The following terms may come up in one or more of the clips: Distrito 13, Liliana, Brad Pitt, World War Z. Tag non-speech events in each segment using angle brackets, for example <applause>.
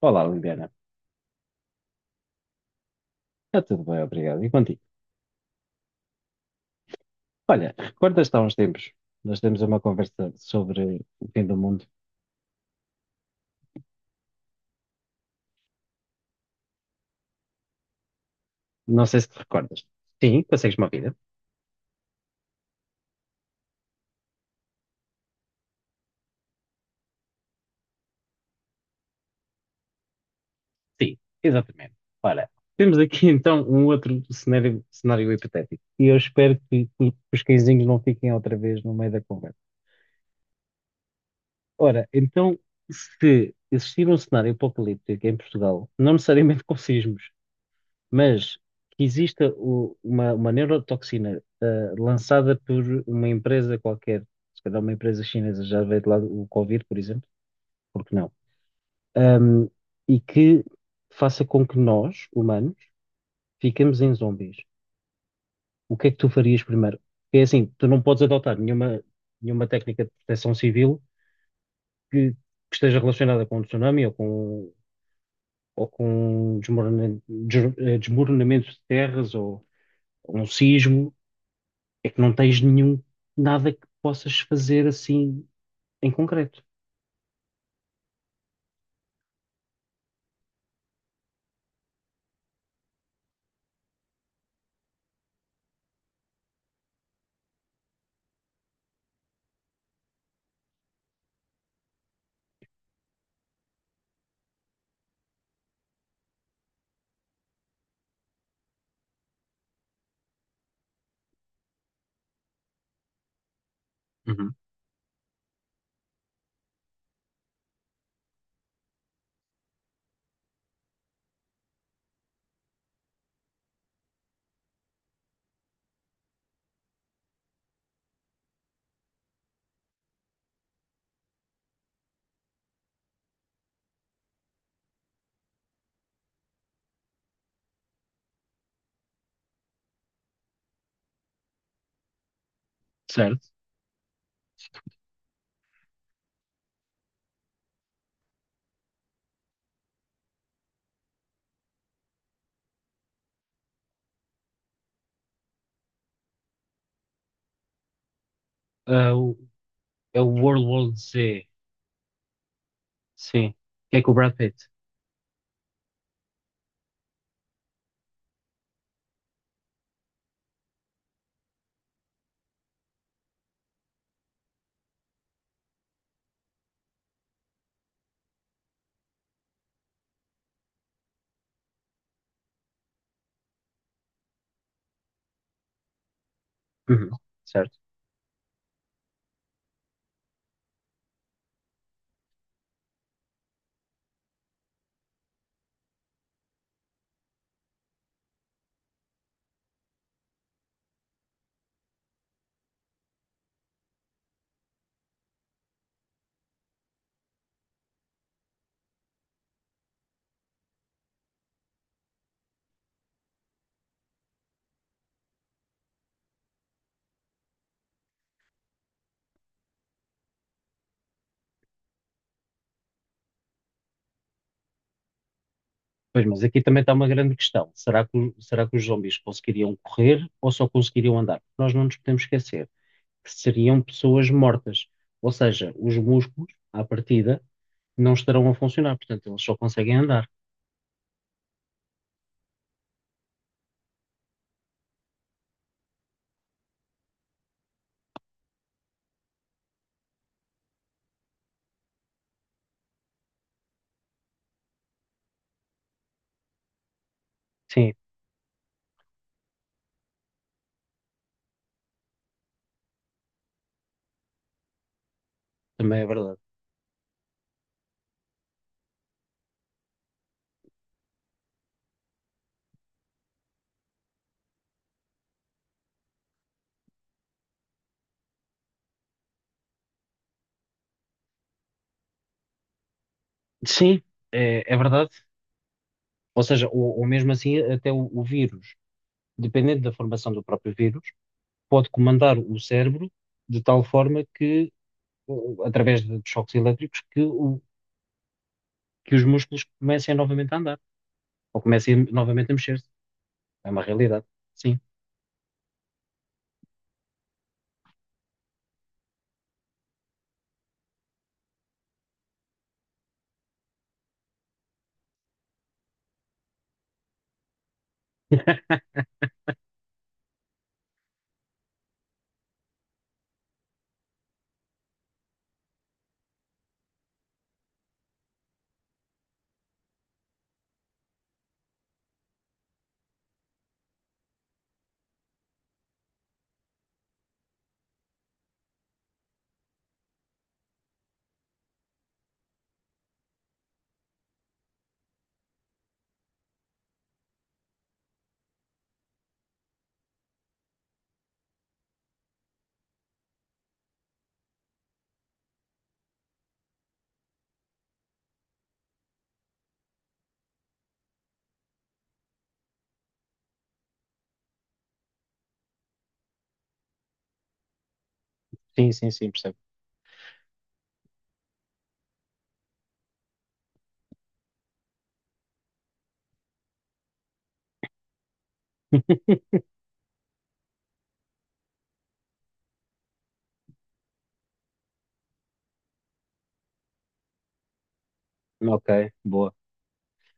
Olá, Liliana. Está tudo bem, obrigado. E contigo? Olha, recordas-te há uns tempos, nós temos uma conversa sobre o fim do mundo. Não sei se te recordas. Sim, consegues uma vida? Sim, exatamente. Ora, temos aqui então um outro cenário, cenário hipotético. E eu espero que os cãezinhos não fiquem outra vez no meio da conversa. Ora, então, se existir um cenário apocalíptico em Portugal, não necessariamente com sismos, mas que exista uma neurotoxina lançada por uma empresa qualquer, se calhar uma empresa chinesa, já veio de lá o Covid, por exemplo, porque não? Ahm, e que faça com que nós, humanos, fiquemos em zombies. O que é que tu farias primeiro? Porque é assim, tu não podes adotar nenhuma técnica de proteção civil que esteja relacionada com um tsunami ou com, ou com desmoronamento, desmoronamento de terras ou um sismo. É que não tens nada que possas fazer assim em concreto. Uhum. Certo. Ah, é o World War Z, sim, que é com o Brad Pitt. Uhum. Certo? Pois, mas aqui também está uma grande questão. Será que os zombies conseguiriam correr ou só conseguiriam andar? Nós não nos podemos esquecer que seriam pessoas mortas, ou seja, os músculos, à partida, não estarão a funcionar, portanto, eles só conseguem andar. Sim, também é verdade. Sim, é verdade. Ou seja, ou mesmo assim, até o vírus, dependendo da formação do próprio vírus, pode comandar o cérebro de tal forma que, eh, através de choques elétricos, que os músculos comecem novamente a andar, ou comecem novamente a mexer-se. É uma realidade. Sim, <laughs> sim, sim, sim, percebo. Ok, boa.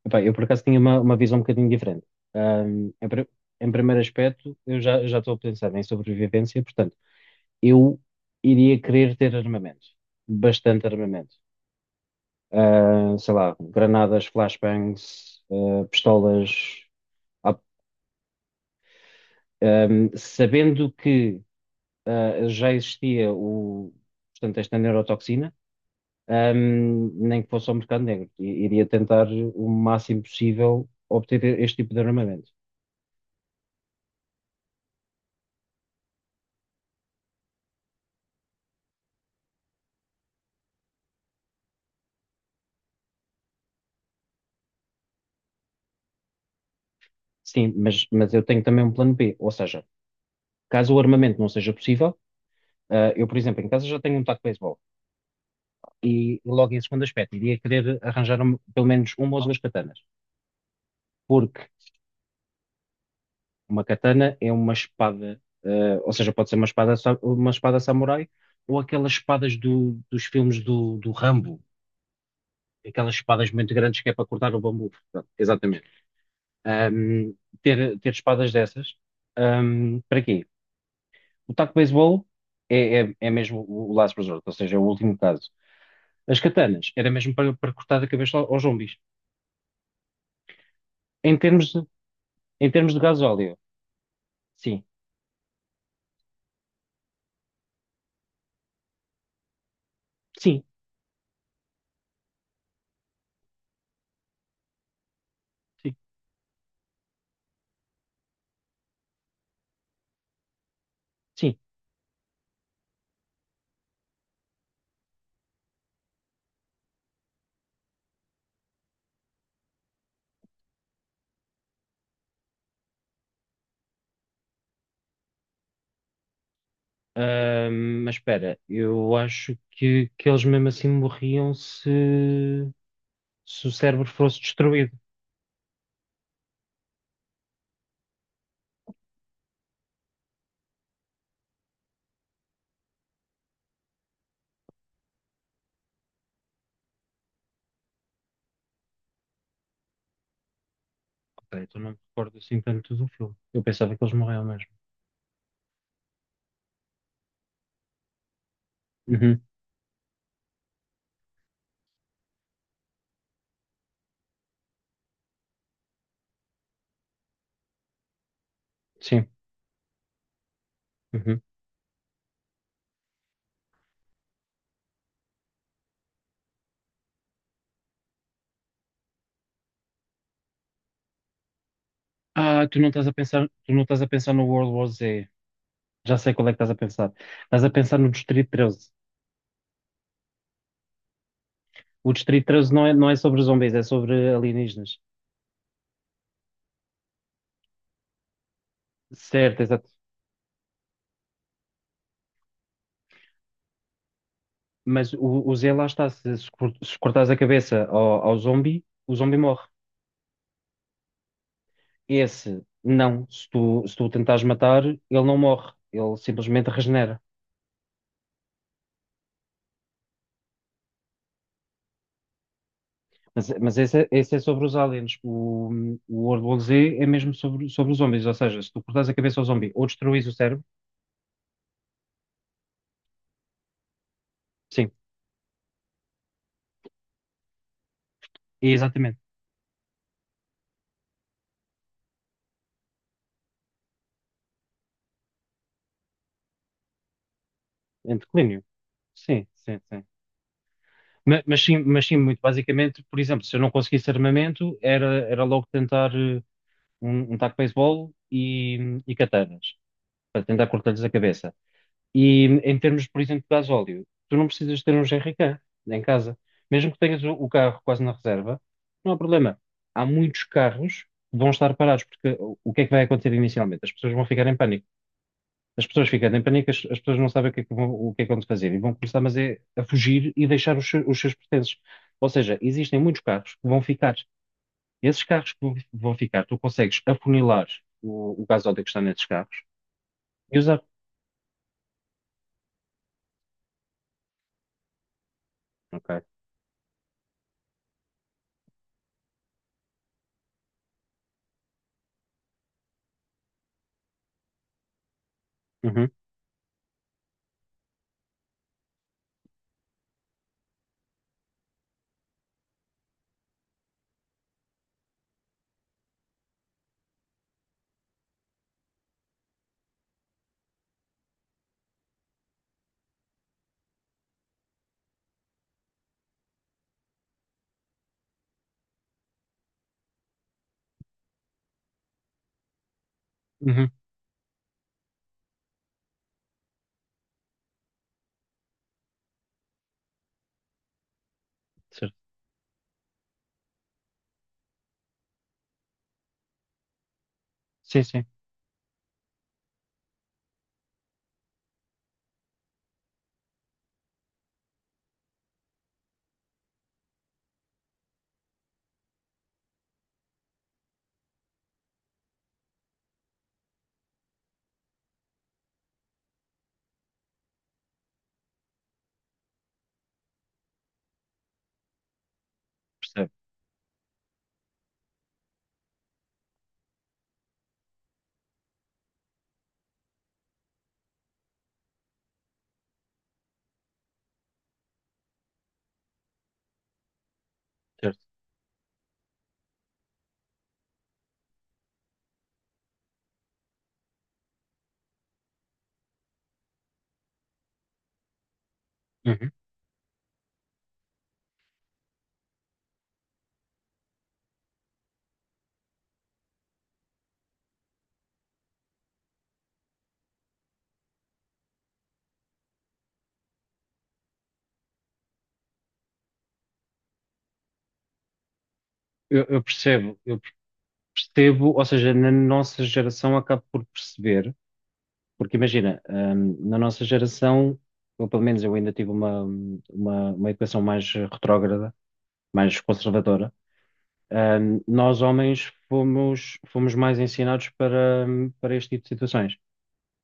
Epá, eu por acaso tinha uma visão um bocadinho diferente. Ahm, em, pri- em primeiro aspecto, eu já estou a pensar em sobrevivência, portanto, eu iria querer ter armamentos, bastante armamento. Sei lá, granadas, flashbangs, pistolas. Ah, Sabendo que já existia portanto, esta neurotoxina, nem que fosse ao mercado negro, iria tentar o máximo possível obter este tipo de armamento. Sim, mas eu tenho também um plano B, ou seja, caso o armamento não seja possível, eu, por exemplo, em casa já tenho um taco de beisebol e logo em segundo aspecto iria querer arranjar pelo menos uma ou duas katanas, porque... Uma katana é uma espada, ou seja, pode ser uma espada, uma espada samurai, ou aquelas espadas dos filmes do Rambo, aquelas espadas muito grandes que é para cortar o bambu. Pronto, exatamente. Ahm, ter espadas dessas, para quê? O taco de beisebol é mesmo o last resort, ou seja, é o último caso. As katanas era mesmo para, cortar a cabeça aos zombies. Em termos de, em termos de gasóleo, sim, sim, sim, sim. Ah, mas espera, eu acho que eles mesmo assim morriam se o cérebro fosse destruído. Ok, então não me recordo assim tanto do filme. Eu pensava que eles morriam mesmo. Uhum, sim. Uhum. Ah, tu não estás a pensar, tu não estás a pensar no World War Z. Já sei qual é que estás a pensar. Estás a pensar no Distrito 13. O Distrito 13 não é sobre zombies, é sobre alienígenas. Certo, exato. Mas o Z lá está, se cortares a cabeça ao zombie, o zombie morre. Esse, não. Se tu o tentares matar, ele não morre. Ele simplesmente regenera. Mas esse é sobre os aliens. O World War Z é mesmo sobre os zombies. Ou seja, se tu cortares a cabeça ao zombie ou destruís o cérebro, sim, é exatamente. Em declínio. Sim, sim, sim. Mas, sim, mas sim, muito basicamente, por exemplo, se eu não conseguisse armamento, era logo tentar um taco de beisebol e katanas, para tentar cortar-lhes a cabeça. E em termos, por exemplo, de gasóleo, tu não precisas ter um GRK em casa. Mesmo que tenhas o carro quase na reserva, não há problema. Há muitos carros que vão estar parados, porque o que é que vai acontecer inicialmente? As pessoas vão ficar em pânico. As pessoas ficando em pânico, as pessoas não sabem o que é que vão, fazer e vão começar, mas é, a fugir e deixar os seus pertences. Ou seja, existem muitos carros que vão ficar. Esses carros que vão ficar, tu consegues afunilar o gasóleo que está nesses carros e usar. Ok. Uhum, uhum, certo. Sim, sim. Percebo, certo. Uhum. Eu percebo, ou seja, na nossa geração acabo por perceber, porque imagina, na nossa geração, ou pelo menos eu ainda tive uma educação mais retrógrada, mais conservadora, nós homens fomos mais ensinados para, para este tipo de situações.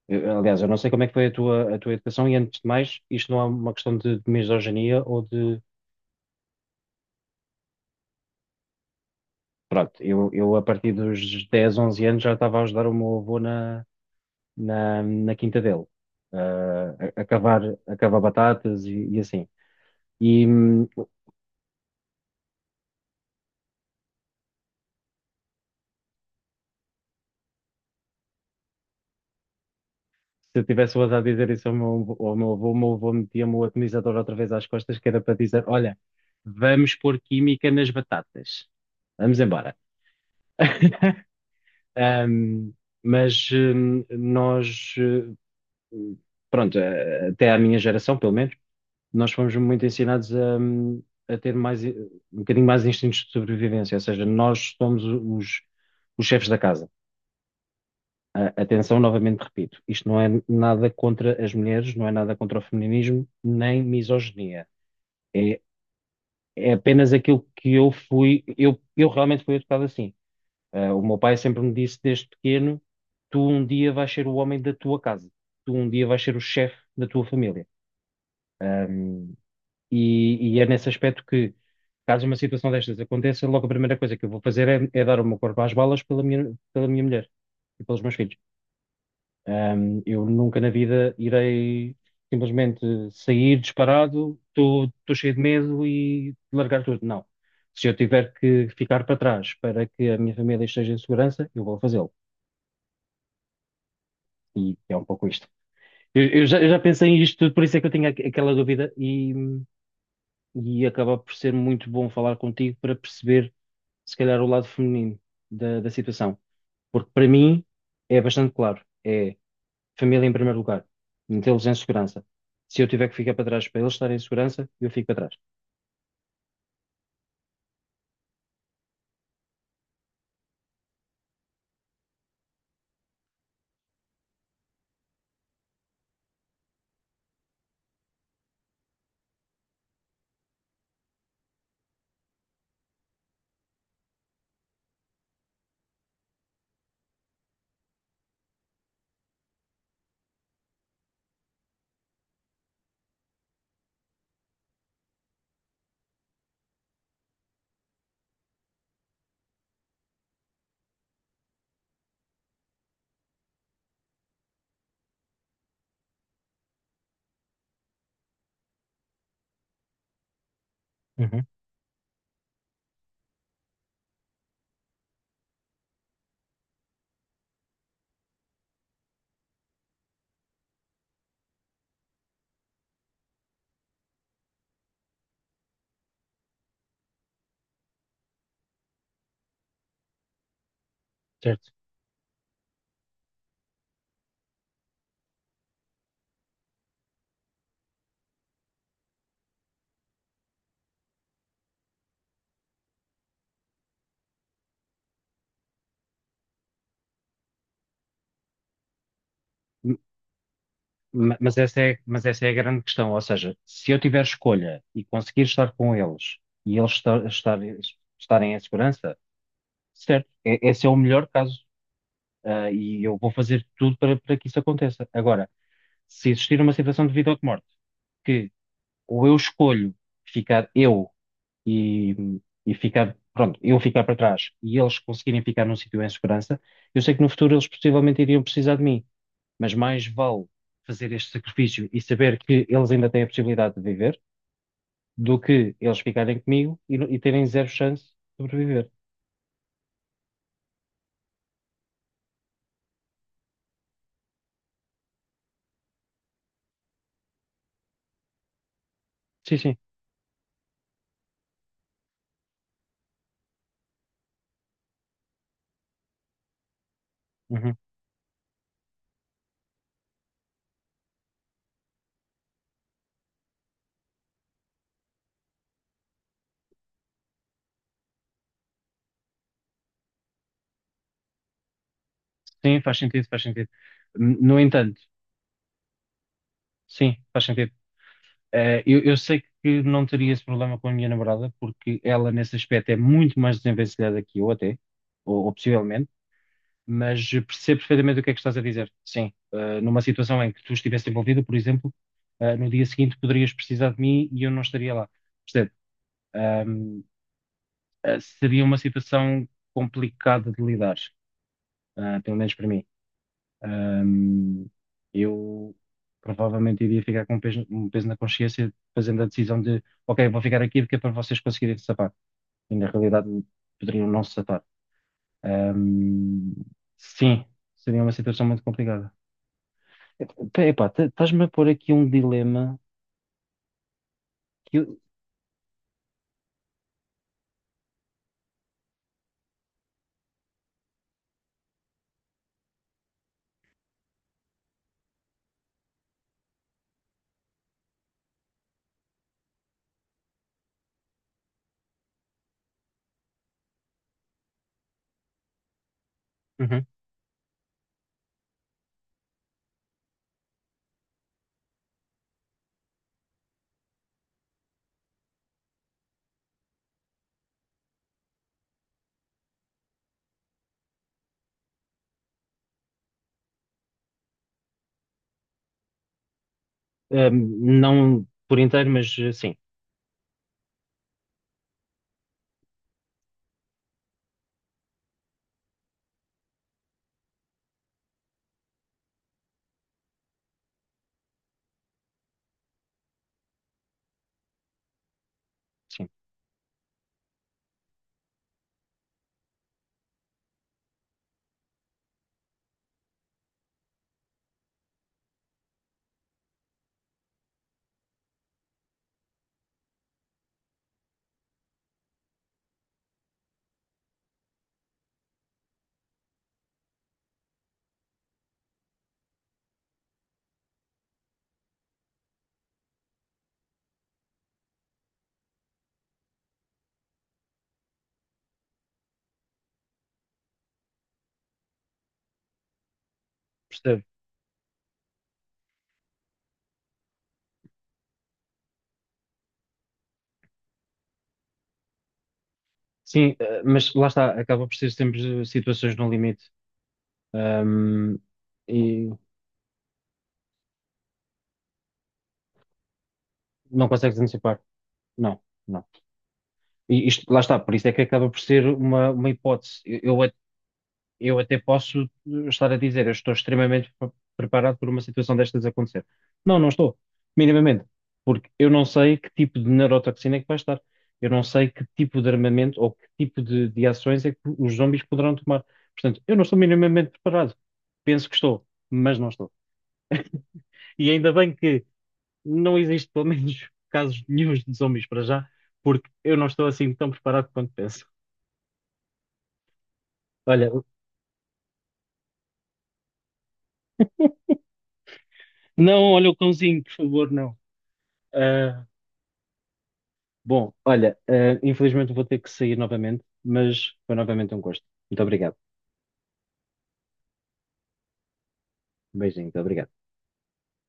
Aliás, eu não sei como é que foi a tua, educação. E antes de mais, isto não é uma questão de misoginia ou de... Pronto, eu a partir dos 10 11 anos já estava a ajudar o meu avô na quinta dele, a cavar, a cavar batatas e assim. E se eu tivesse o azar de dizer isso ao meu, avô, o meu avô metia-me o atomizador outra vez às costas, que era para dizer: Olha, vamos pôr química nas batatas, vamos embora. Ahm, mas nós, pronto, até à minha geração, pelo menos. Nós fomos muito ensinados a, ter mais, um bocadinho mais instintos de sobrevivência, ou seja, nós somos os chefes da casa. Atenção, novamente repito, isto não é nada contra as mulheres, não é nada contra o feminismo, nem misoginia. É, é apenas aquilo que eu fui, eu realmente fui educado assim. Ah, o meu pai sempre me disse desde pequeno: tu um dia vais ser o homem da tua casa, tu um dia vais ser o chefe da tua família. E é nesse aspecto que, caso uma situação destas aconteça, logo a primeira coisa que eu vou fazer é dar o meu corpo às balas pela minha, mulher e pelos meus filhos. Eu nunca na vida irei simplesmente sair disparado, estou cheio de medo e largar tudo. Não. Se eu tiver que ficar para trás para que a minha família esteja em segurança, eu vou fazê-lo. E é um pouco isto. Eu já pensei em isto tudo, por isso é que eu tinha aquela dúvida e acaba por ser muito bom falar contigo para perceber, se calhar, o lado feminino da situação. Porque para mim é bastante claro. É família em primeiro lugar, metê-los em segurança. Se eu tiver que ficar para trás para eles estarem em segurança, eu fico para trás. Uhum, certo. Mas essa é a grande questão. Ou seja, se eu tiver escolha e conseguir estar com eles e eles estarem em segurança, certo, esse é o melhor caso. Ah, e eu vou fazer tudo para que isso aconteça. Agora, se existir uma situação de vida ou de morte que ou eu escolho ficar eu e ficar, pronto, eu ficar para trás e eles conseguirem ficar num sítio em segurança, eu sei que no futuro eles possivelmente iriam precisar de mim, mas mais vale fazer este sacrifício e saber que eles ainda têm a possibilidade de viver do que eles ficarem comigo e, no- e terem zero chance de sobreviver. Sim, sim. Uhum. Sim, faz sentido, faz sentido. No entanto, sim, faz sentido. Eu sei que não teria esse problema com a minha namorada, porque ela, nesse aspecto, é muito mais desenvencilhada que eu, até, ou possivelmente, mas percebo perfeitamente o que é que estás a dizer. Sim, numa situação em que tu estivesse envolvido, por exemplo, no dia seguinte poderias precisar de mim e eu não estaria lá. Percebo. Ahm, Seria uma situação complicada de lidar, pelo menos para mim. Ahm, eu provavelmente iria ficar com um peso na consciência fazendo a decisão de, ok, vou ficar aqui porque é para vocês conseguirem se safar. E na realidade poderiam não se safar. Ahm, sim, seria uma situação muito complicada. Epá, estás-me a pôr aqui um dilema que eu... Uhum. Não por inteiro, mas sim, sim, percebo. Sim, mas lá está, acaba por ser sempre situações no limite. Ahm, e não consegues antecipar. Não, não. E isto, lá está, por isso é que acaba por ser uma hipótese. Eu até posso estar a dizer, eu estou extremamente preparado por uma situação destas acontecer. Não, não estou, minimamente, porque eu não sei que tipo de neurotoxina é que vai estar. Eu não sei que tipo de armamento ou que tipo de ações é que os zombies poderão tomar. Portanto, eu não estou minimamente preparado. Penso que estou, mas não estou. E ainda bem que não existe, pelo menos, casos nenhuns de zombies para já, porque eu não estou assim tão preparado quanto penso. Olha, não, olha o cãozinho, por favor, não. Ah, bom, olha, infelizmente vou ter que sair novamente, mas foi novamente um gosto. Muito obrigado. Um beijinho, muito obrigado.